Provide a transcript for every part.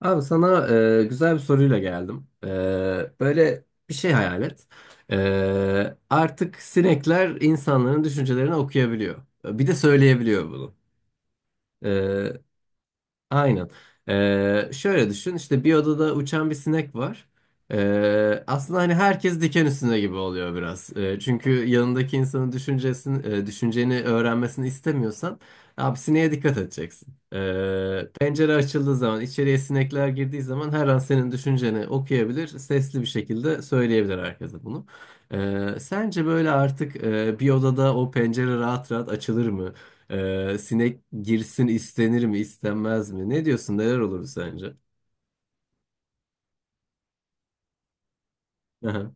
Abi sana güzel bir soruyla geldim. Böyle bir şey hayal et. Artık sinekler insanların düşüncelerini okuyabiliyor. Bir de söyleyebiliyor bunu. Aynen. Şöyle düşün işte bir odada uçan bir sinek var. Aslında hani herkes diken üstünde gibi oluyor biraz. Çünkü yanındaki insanın düşüncesini, düşünceni öğrenmesini istemiyorsan abi sineğe dikkat edeceksin. Pencere açıldığı zaman içeriye sinekler girdiği zaman her an senin düşünceni okuyabilir. Sesli bir şekilde söyleyebilir herkese bunu. Sence böyle artık bir odada o pencere rahat rahat açılır mı? Sinek girsin istenir mi istenmez mi? Ne diyorsun neler olur sence? Aha.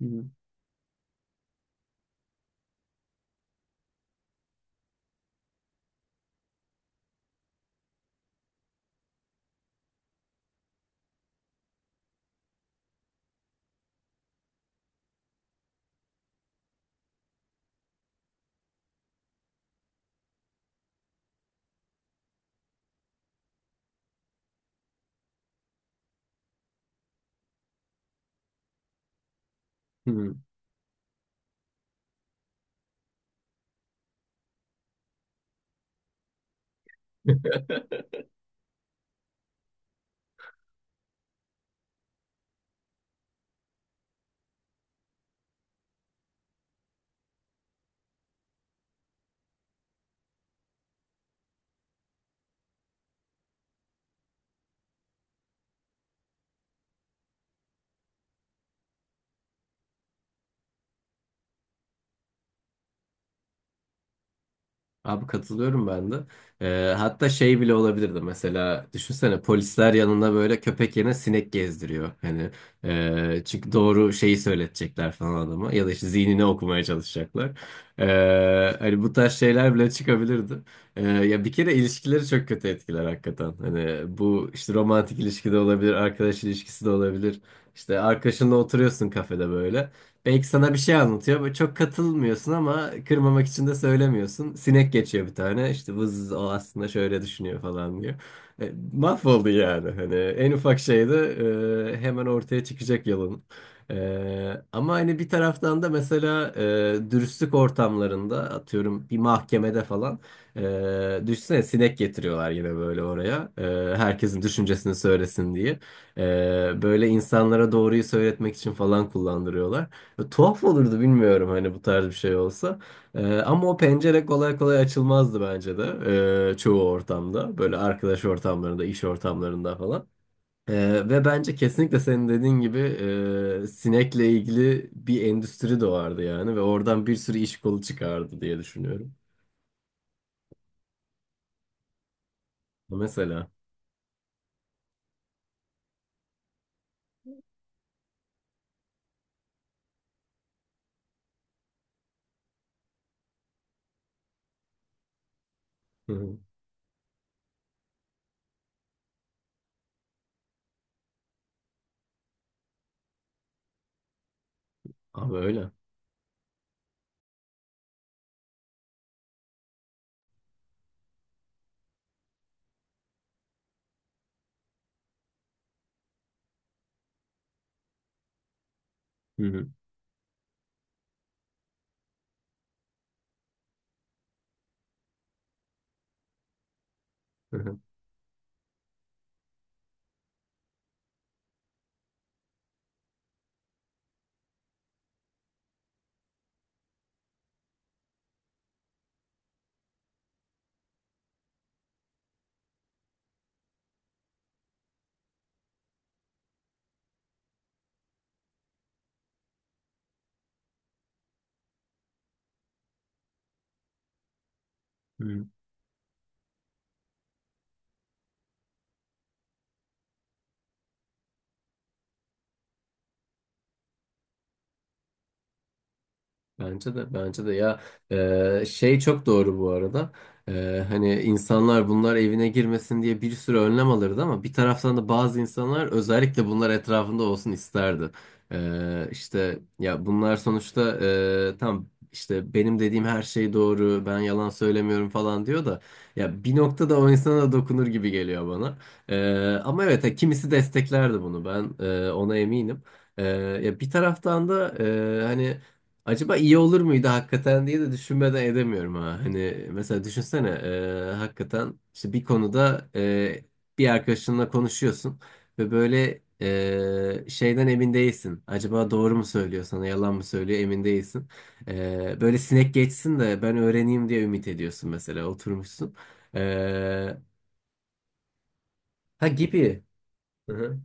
Hı hı. Abi katılıyorum ben de. Hatta şey bile olabilirdi mesela düşünsene polisler yanında böyle köpek yerine sinek gezdiriyor. Hani çünkü doğru şeyi söyletecekler falan adama ya da işte zihnini okumaya çalışacaklar. Hani bu tarz şeyler bile çıkabilirdi. Ya bir kere ilişkileri çok kötü etkiler hakikaten. Hani bu işte romantik ilişki de olabilir, arkadaş ilişkisi de olabilir. İşte arkadaşınla oturuyorsun kafede böyle. Belki sana bir şey anlatıyor. Böyle çok katılmıyorsun ama kırmamak için de söylemiyorsun. Sinek geçiyor bir tane. İşte vız o aslında şöyle düşünüyor falan diyor. Mahvoldu yani. Hani en ufak şeyde hemen ortaya çıkacak yalın. Ama hani bir taraftan da mesela dürüstlük ortamlarında atıyorum bir mahkemede falan düşünsene sinek getiriyorlar yine böyle oraya. Herkesin düşüncesini söylesin diye. E, Böyle insanlara doğruyu söyletmek için falan kullandırıyorlar. Ve tuhaf olurdu bilmiyorum hani bu tarz bir şey olsa. Ama o pencere kolay kolay açılmazdı bence de çoğu ortamda. Böyle arkadaş ortamlarında, iş ortamlarında falan. Ve bence kesinlikle senin dediğin gibi sinekle ilgili bir endüstri doğardı yani. Ve oradan bir sürü iş kolu çıkardı diye düşünüyorum. Mesela. Hı hı. Abi öyle. Hı. Hı hı. Hı hı. Bence de, bence de, ya, şey çok doğru bu arada. Hani insanlar bunlar evine girmesin diye bir sürü önlem alırdı ama bir taraftan da bazı insanlar özellikle bunlar etrafında olsun isterdi. İşte ya bunlar sonuçta tam işte benim dediğim her şey doğru ben yalan söylemiyorum falan diyor da ya bir noktada o insana da dokunur gibi geliyor bana. E, Ama evet ha, kimisi desteklerdi bunu ben, ona eminim. Ya bir taraftan da hani acaba iyi olur muydu hakikaten diye de düşünmeden edemiyorum ha. Hani mesela düşünsene hakikaten işte bir konuda bir arkadaşınla konuşuyorsun ve böyle şeyden emin değilsin. Acaba doğru mu söylüyor sana yalan mı söylüyor emin değilsin. Böyle sinek geçsin de ben öğreneyim diye ümit ediyorsun mesela oturmuşsun. E, ha gibi. Hı hı.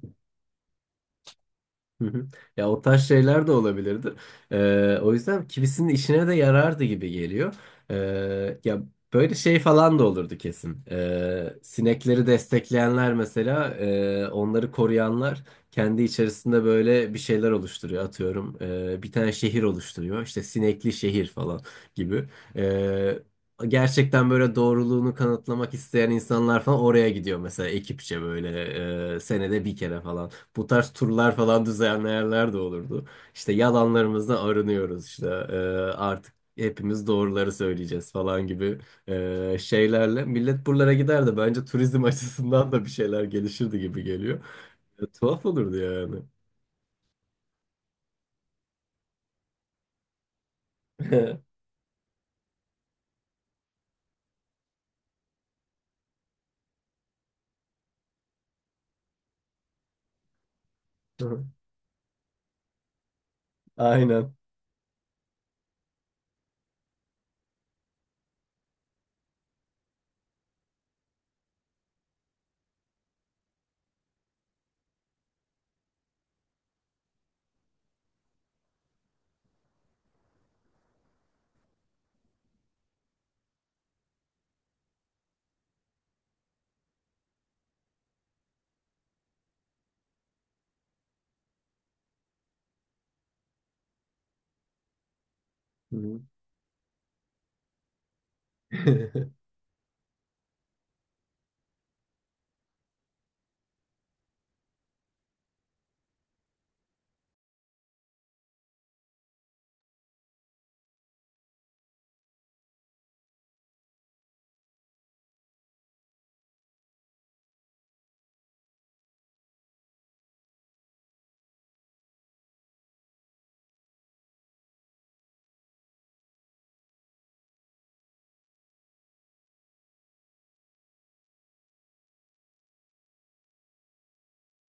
Hı hı. Ya o tarz şeyler de olabilirdi. O yüzden kimisinin işine de yarardı gibi geliyor. Ya böyle şey falan da olurdu kesin. Sinekleri destekleyenler mesela, onları koruyanlar kendi içerisinde böyle bir şeyler oluşturuyor. Atıyorum, bir tane şehir oluşturuyor. İşte sinekli şehir falan gibi. Ee, Gerçekten böyle doğruluğunu kanıtlamak isteyen insanlar falan oraya gidiyor mesela ekipçe böyle senede bir kere falan. Bu tarz turlar falan düzenleyenler de olurdu. İşte yalanlarımızdan arınıyoruz işte artık hepimiz doğruları söyleyeceğiz falan gibi şeylerle. Millet buralara giderdi. Bence turizm açısından da bir şeyler gelişirdi gibi geliyor. Tuhaf olurdu yani. Aynen. Hı hı.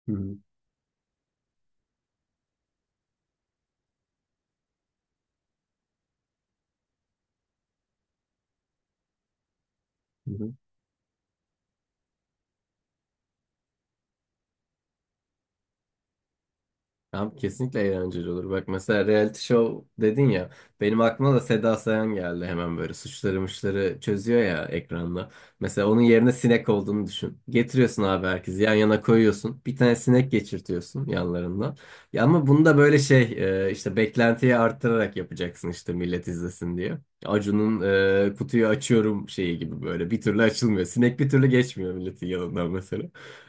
Hı hı. Hı hı. Abi kesinlikle eğlenceli olur. Bak mesela reality show dedin ya. Benim aklıma da Seda Sayan geldi hemen böyle suçları muçları çözüyor ya ekranda. Mesela onun yerine sinek olduğunu düşün. Getiriyorsun abi herkesi yan yana koyuyorsun. Bir tane sinek geçirtiyorsun yanlarından. Ya ama bunu da böyle şey, işte beklentiyi arttırarak yapacaksın işte millet izlesin diye. Acun'un kutuyu açıyorum şeyi gibi böyle bir türlü açılmıyor. Sinek bir türlü geçmiyor milletin yanından mesela.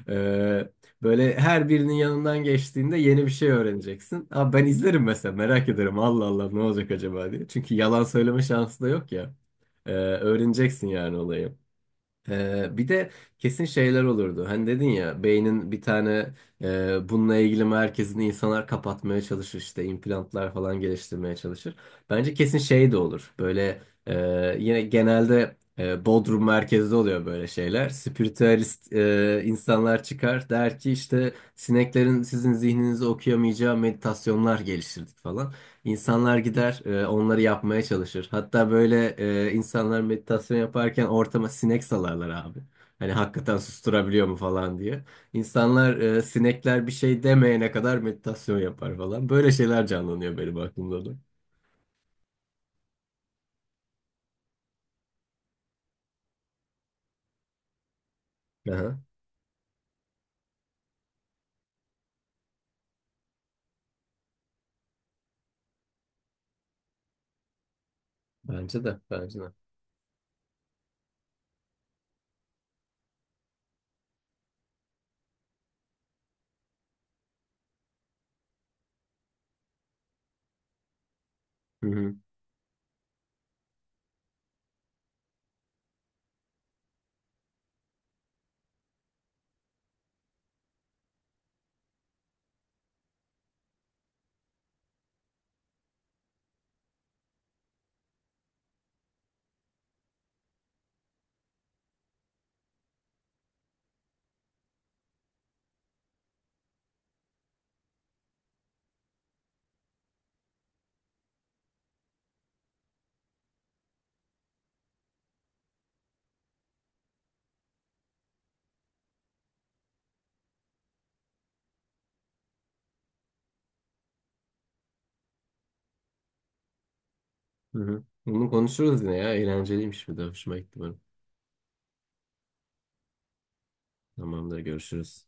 E, Böyle her birinin yanından geçtiğinde yeni bir şey öğreneceksin. Abi ben izlerim mesela merak ederim Allah Allah ne olacak acaba diye. Çünkü yalan söyleme şansı da yok ya. Öğreneceksin yani olayı. Bir de kesin şeyler olurdu. Hani dedin ya beynin bir tane bununla ilgili merkezini insanlar kapatmaya çalışır işte implantlar falan geliştirmeye çalışır. Bence kesin şey de olur. Böyle yine genelde Bodrum merkezde oluyor böyle şeyler. Spiritüalist insanlar çıkar der ki işte sineklerin sizin zihninizi okuyamayacağı meditasyonlar geliştirdik falan. İnsanlar gider, onları yapmaya çalışır. Hatta böyle insanlar meditasyon yaparken ortama sinek salarlar abi. Hani hakikaten susturabiliyor mu falan diye. İnsanlar, sinekler bir şey demeyene kadar meditasyon yapar falan. Böyle şeyler canlanıyor benim aklımda da. Aha, bence de, bence de. Hı hı, hı hı. Bunu konuşuruz yine ya. Eğlenceliymiş bir de. Hoşuma gitti benim. Tamamdır, görüşürüz.